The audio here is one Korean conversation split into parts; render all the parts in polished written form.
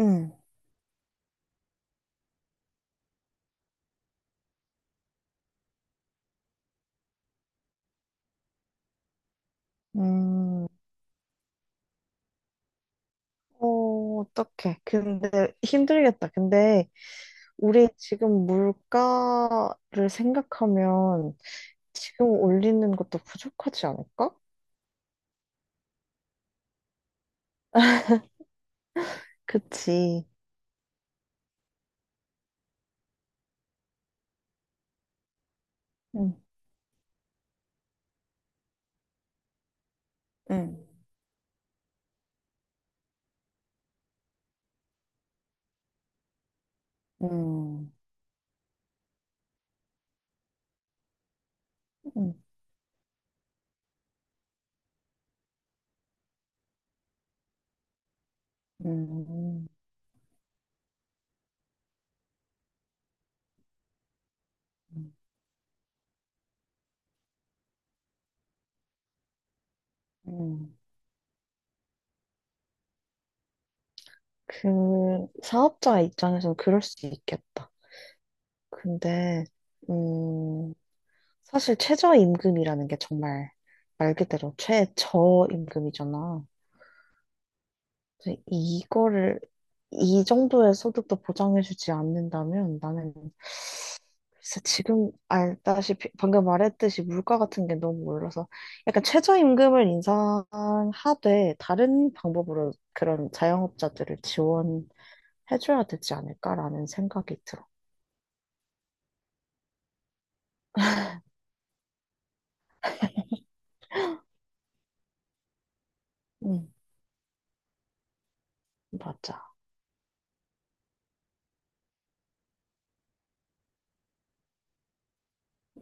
응. 음, 어떡해. 근데 힘들겠다. 근데 우리 지금 물가를 생각하면 지금 올리는 것도 부족하지 않을까? 그치. 응, 응, 응, 응, 응, 응. 응. 그 사업자 입장에서는 그럴 수 있겠다. 근데 음, 사실 최저임금이라는 게 정말 말 그대로 최저임금이잖아. 근데 이거를 이 정도의 소득도 보장해주지 않는다면 나는 글쎄, 지금 알다시피 방금 말했듯이 물가 같은 게 너무 올라서 약간 최저임금을 인상하되 다른 방법으로 그런 자영업자들을 지원해줘야 되지 않을까라는 생각이 들어. 음, 맞아.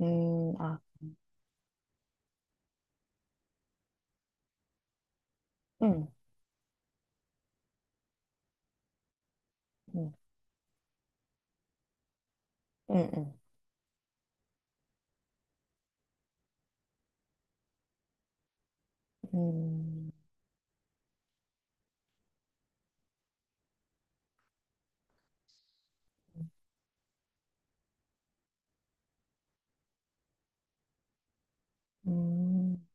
아, 음, 음, 음, 음, 음, 음.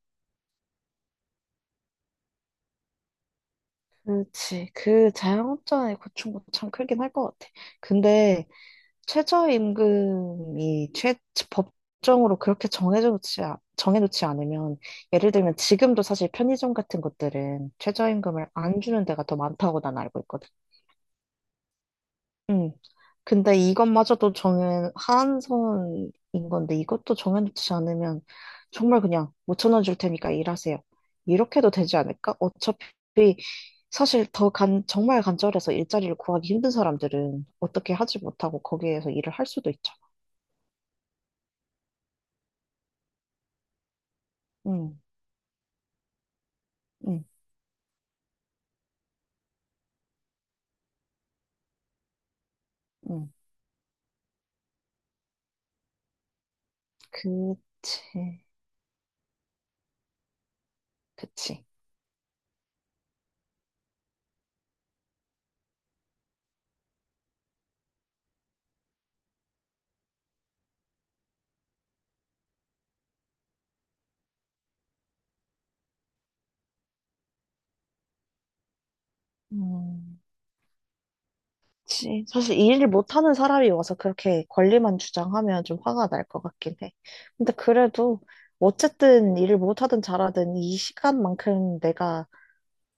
그렇지. 그 자영업자의 고충도 참 크긴 할 것 같아. 근데 최저임금이 최 법정으로 그렇게 정해놓지 않으면 예를 들면 지금도 사실 편의점 같은 것들은 최저임금을 안 주는 데가 더 많다고 난 알고 있거든. 응. 근데 이것마저도 한선인 건데 이것도 정해놓지 않으면 정말 그냥 5천 원 줄 테니까 일하세요. 이렇게도 되지 않을까? 어차피 사실 더 정말 간절해서 일자리를 구하기 힘든 사람들은 어떻게 하지 못하고 거기에서 일을 할 수도 있잖아. 응, 응, 응. 그치, 그치. 음. 그치. 사실 이 일을 못하는 사람이 와서 그렇게 권리만 주장하면 좀 화가 날 것 같긴 해. 근데 그래도 어쨌든 일을 못하든 잘하든 이 시간만큼 내가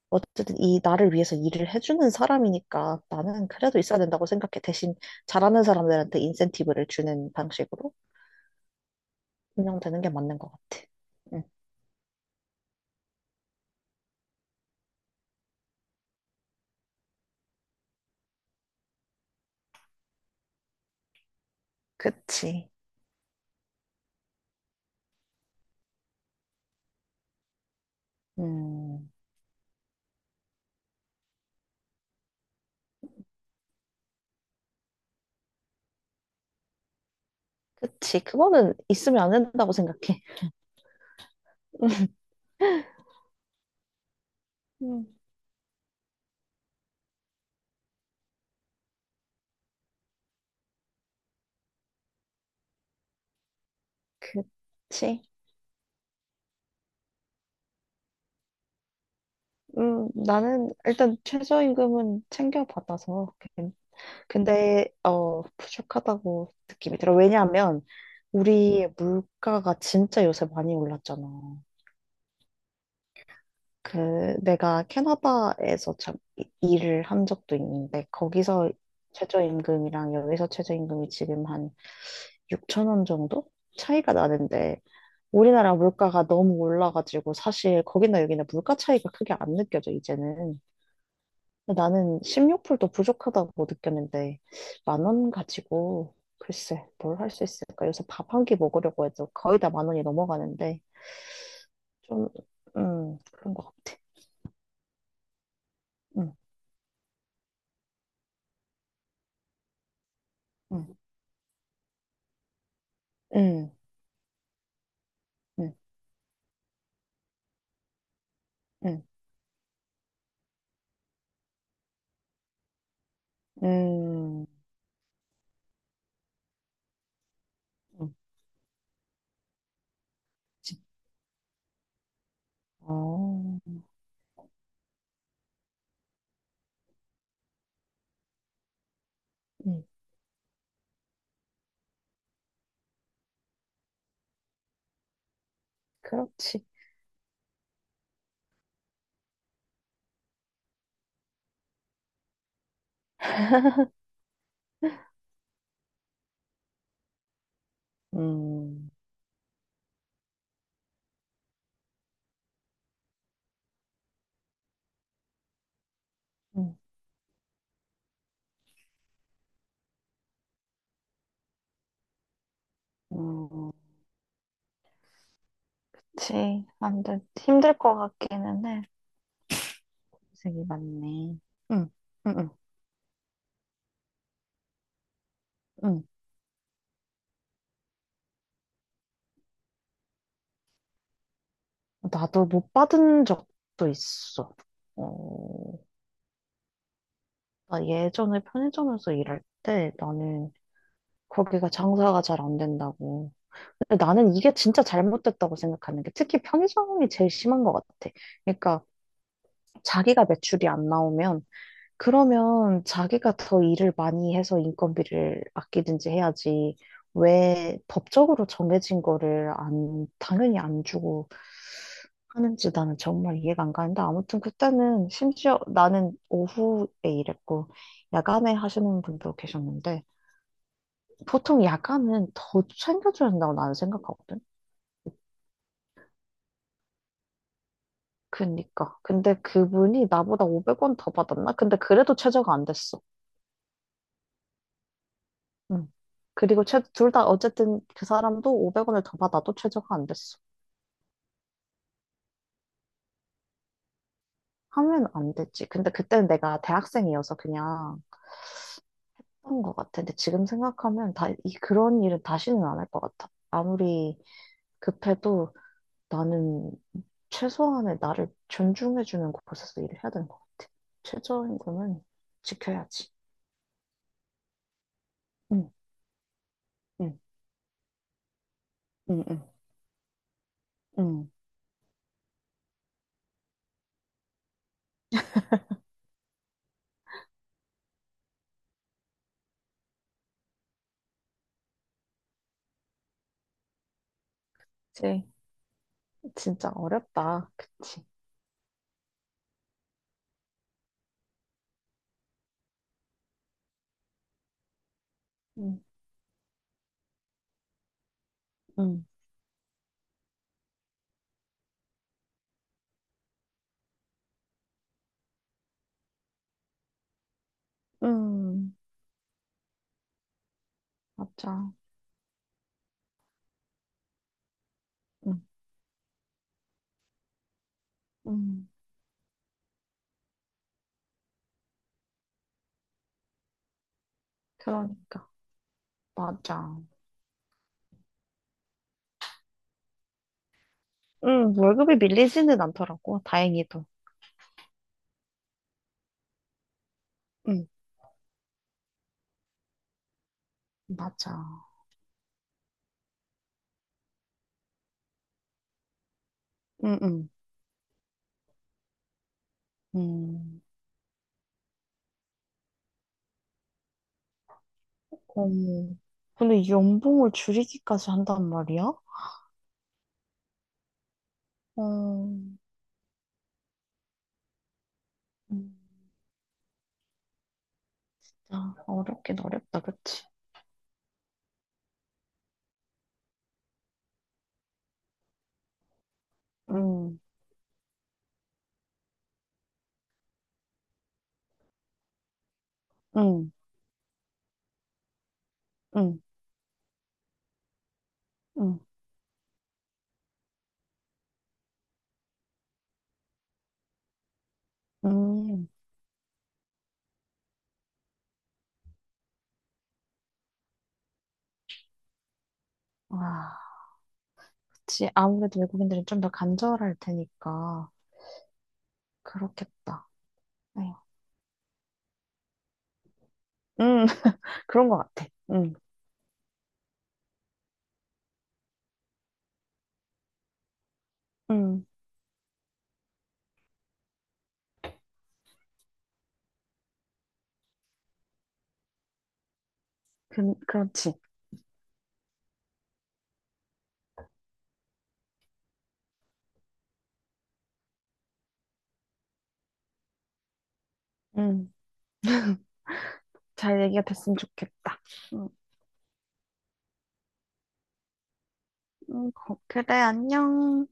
어쨌든 이 나를 위해서 일을 해주는 사람이니까 나는 그래도 있어야 된다고 생각해. 대신 잘하는 사람들한테 인센티브를 주는 방식으로 운영되는 게 맞는 것 같아. 응, 그치. 음, 그치. 그거는 있으면 안 된다고 생각해. 음. 그치. 나는 일단 최저임금은 챙겨받아서. 근데, 부족하다고 느낌이 들어. 왜냐하면, 우리의 물가가 진짜 요새 많이 올랐잖아. 그, 내가 캐나다에서 참 일을 한 적도 있는데, 거기서 최저임금이랑 여기서 최저임금이 지금 한 6천 원 정도? 차이가 나는데, 우리나라 물가가 너무 올라가지고, 사실 거기나 여기나 물가 차이가 크게 안 느껴져, 이제는. 나는 16불도 부족하다고 느꼈는데, 만 원 가지고, 글쎄, 뭘 할 수 있을까? 요새 밥 한 끼 먹으려고 해도 거의 다 만 원이 넘어가는데, 좀, 그런 것 같아. 응, 응, 응, 응, 응, 응, 응, 그 어, 응, 그렇지. 음, 응, 음, 그치. 안 돼. 힘들 것 같기는 해. 고생이 많네. 응, 응, 응, 응. 나도 못 받은 적도 있어. 어, 나 예전에 편의점에서 일할 때 나는 거기가 장사가 잘 안 된다고. 근데 나는 이게 진짜 잘못됐다고 생각하는 게 특히 편의점이 제일 심한 것 같아. 그러니까 자기가 매출이 안 나오면 그러면 자기가 더 일을 많이 해서 인건비를 아끼든지 해야지. 왜 법적으로 정해진 거를 안, 당연히 안 주고 하는지 나는 정말 이해가 안 가는데 아무튼 그때는 심지어 나는 오후에 일했고 야간에 하시는 분도 계셨는데 보통 야간은 더 챙겨줘야 된다고 나는 생각하거든. 그니까. 근데 그분이 나보다 500원 더 받았나? 근데 그래도 최저가 안 됐어. 응. 그리고 둘 다 어쨌든 그 사람도 500원을 더 받아도 최저가 안 됐어. 하면 안 됐지. 근데 그때는 내가 대학생이어서 그냥 한 것 같아. 근데 지금 생각하면 그런 일은 다시는 안 할 것 같아. 아무리 급해도 나는 최소한의 나를 존중해주는 곳에서 일을 해야 되는 것 같아. 최저임금은 지켜야지. 응, 응, 응, 응, 응. 그치. 진짜 어렵다. 그치. 응, 응, 응. 맞아. 음, 그러니까. 맞아. 월급이 밀리지는 않더라고, 다행히도. 음, 맞아. 음, 음, 음. 어, 음, 근데 연봉을 줄이기까지 한단 말이야? 어, 음, 어렵긴 어렵다, 그치? 음, 음, 음, 음, 음. 아, 그치. 아무래도 외국인들은 좀 더 간절할 테니까. 그렇겠다. 에휴, 음, 그런 것 같아. 음, 음, 그렇지. 응. 잘 얘기가 됐으면 좋겠다. 응, 응, 그래, 안녕.